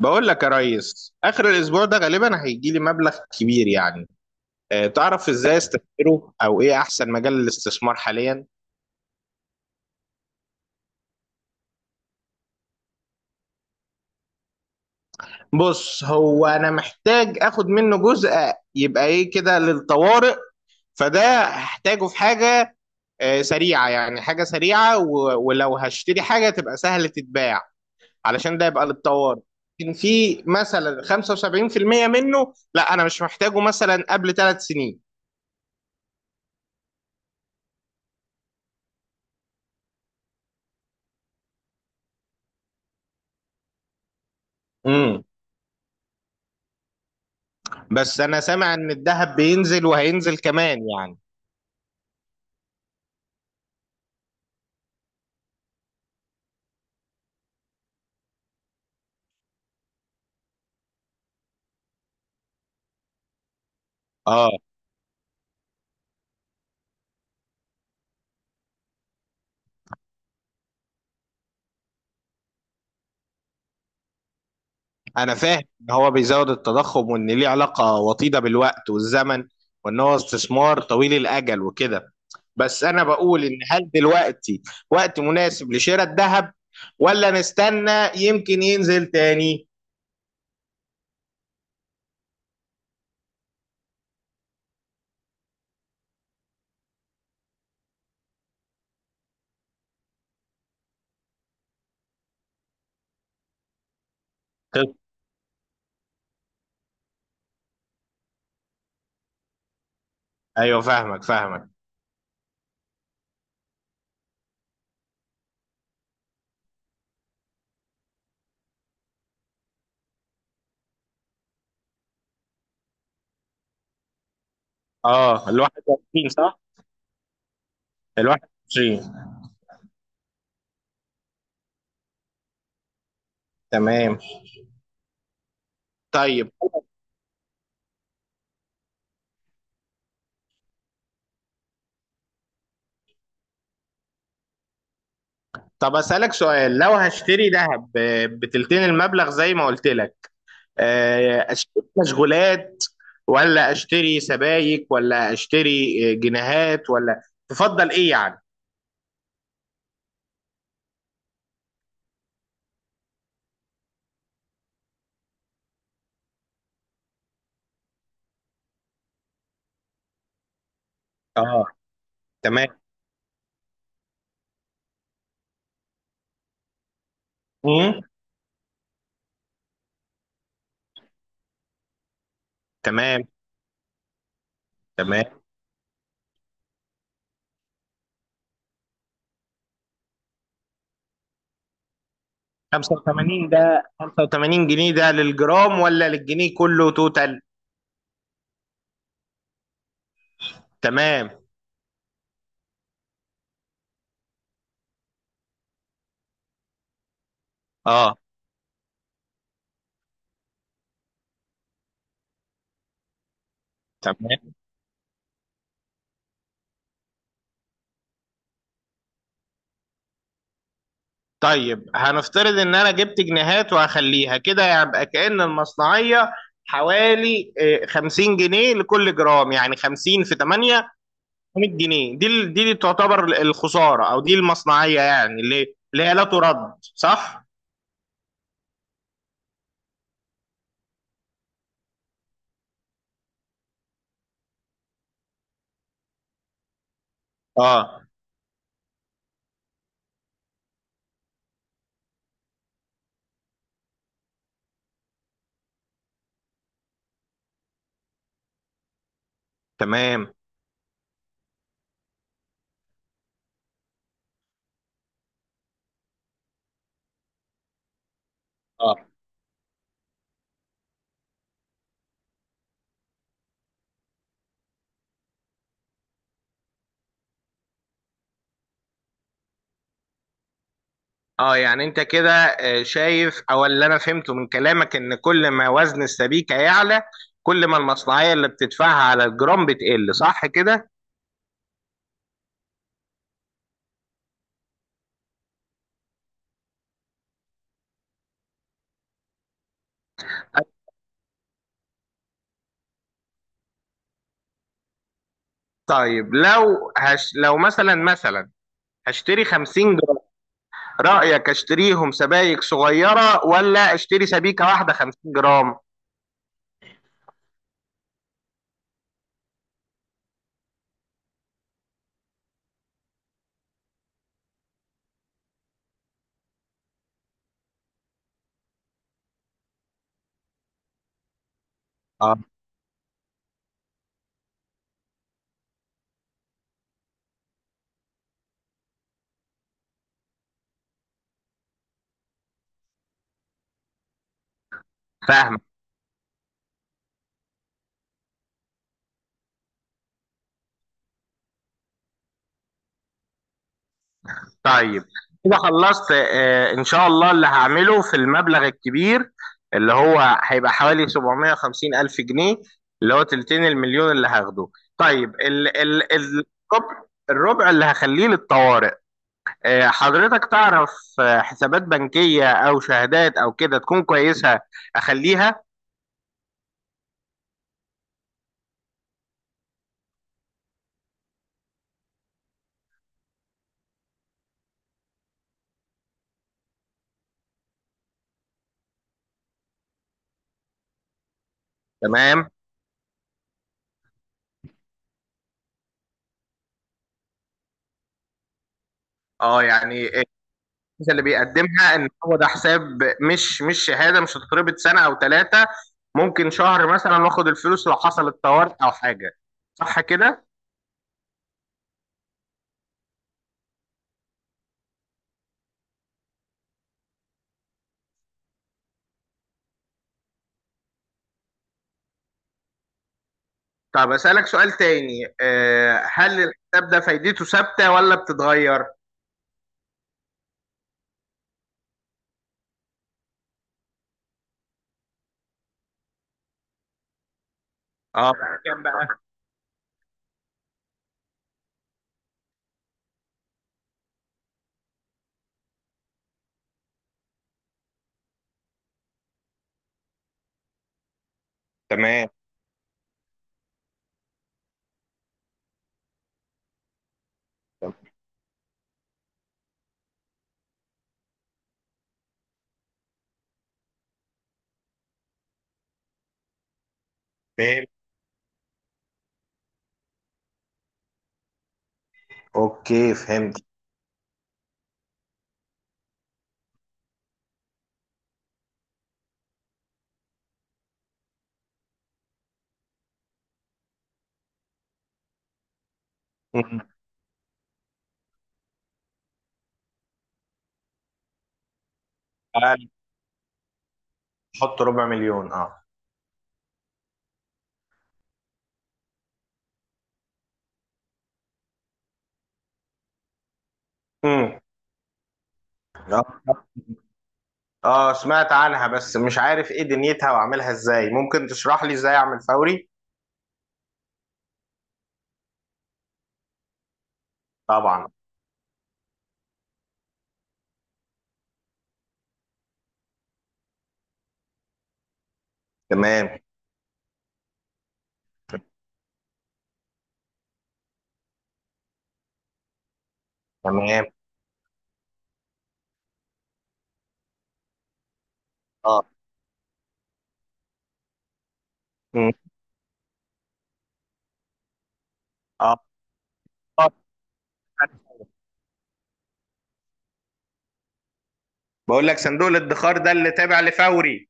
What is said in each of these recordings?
بقول لك يا ريس، اخر الاسبوع ده غالبا هيجي لي مبلغ كبير يعني. تعرف ازاي استثمره او ايه احسن مجال للاستثمار حاليا؟ بص، هو انا محتاج اخد منه جزء، يبقى ايه كده للطوارئ. فده هحتاجه في حاجة سريعة، يعني حاجة سريعة ولو هشتري حاجة تبقى سهلة تتباع، علشان ده يبقى للطوارئ. لكن في مثلا 75% منه، لا انا مش محتاجه مثلا قبل ثلاث سنين. بس انا سامع ان الذهب بينزل وهينزل كمان يعني. اه، انا فاهم ان هو بيزود التضخم وان ليه علاقة وطيدة بالوقت والزمن، وان هو استثمار طويل الاجل وكده. بس انا بقول، ان هل دلوقتي وقت مناسب لشراء الذهب، ولا نستنى يمكن ينزل تاني؟ طيب. ايوه، فاهمك فاهمك. اه، ال 21 صح؟ ال 21. تمام. طيب. طب اسالك سؤال، لو هشتري ذهب بتلتين المبلغ زي ما قلت لك، اشتري مشغولات ولا اشتري سبائك ولا اشتري جنيهات، ولا تفضل ايه يعني؟ اه. تمام. مم. تمام، تمام. 85 ده، 85 جنيه ده للجرام ولا للجنيه كله توتال؟ تمام. اه. تمام. طيب هنفترض ان انا جبت جنيهات وهخليها كده، يبقى كأن المصنعية حوالي 50 جنيه لكل جرام، يعني 50 في 8، 100 جنيه، دي اللي تعتبر الخسارة او دي المصنعية، يعني اللي هي لا ترد، صح؟ اه. تمام. اه، اه، يعني انت كده شايف، او اللي انا فهمته من كلامك، ان كل ما وزن السبيكة يعلى، كل ما المصنعية اللي بتدفعها على الجرام بتقل، صح كده؟ طيب، لو مثلا هشتري 50 جرام، رأيك اشتريهم سبايك صغيرة ولا اشتري سبيكة واحدة 50 جرام؟ اه، فاهم. طيب. كده خلصت، ان شاء الله اللي هعمله في المبلغ الكبير، اللي هو هيبقى حوالي 750 الف جنيه، اللي هو تلتين المليون اللي هاخده. طيب، الربع، الربع اللي هخليه للطوارئ. حضرتك تعرف حسابات بنكية او شهادات او كده تكون كويسة اخليها؟ تمام. اه، يعني انت اللي بيقدمها ان هو ده حساب، مش شهاده، مش هتتربط سنه او ثلاثه، ممكن شهر مثلا واخد الفلوس لو حصل الطوارئ او حاجه، صح كده. طب اسالك سؤال تاني، هل الحساب ده فايدته ثابته ولا بتتغير؟ اه. كام بقى؟ تمام. تمام. فهمت. اوكي، فهمت. مم. قال حط ربع مليون، اه. امم. اه، سمعت عنها بس مش عارف ايه دنيتها واعملها ازاي، ممكن تشرح لي ازاي اعمل فوري؟ طبعا. تمام. تمام. اه. مم. اه. آه. بقول لك صندوق الادخار ده اللي تابع لفوري.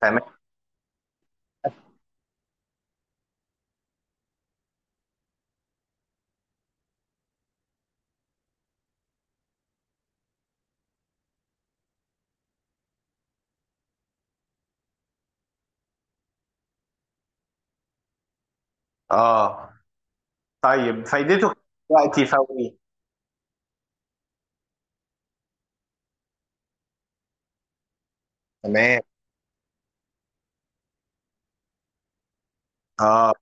تمام. اه. طيب فايدته دلوقتي فوري؟ تمام. اه.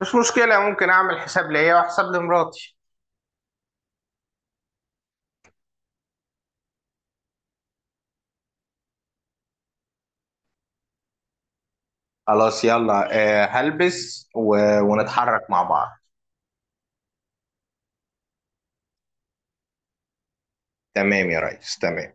مش مشكلة، ممكن اعمل حساب ليا وحساب لمراتي. خلاص، يلا. آه، هلبس ونتحرك مع بعض. تمام يا ريس، تمام.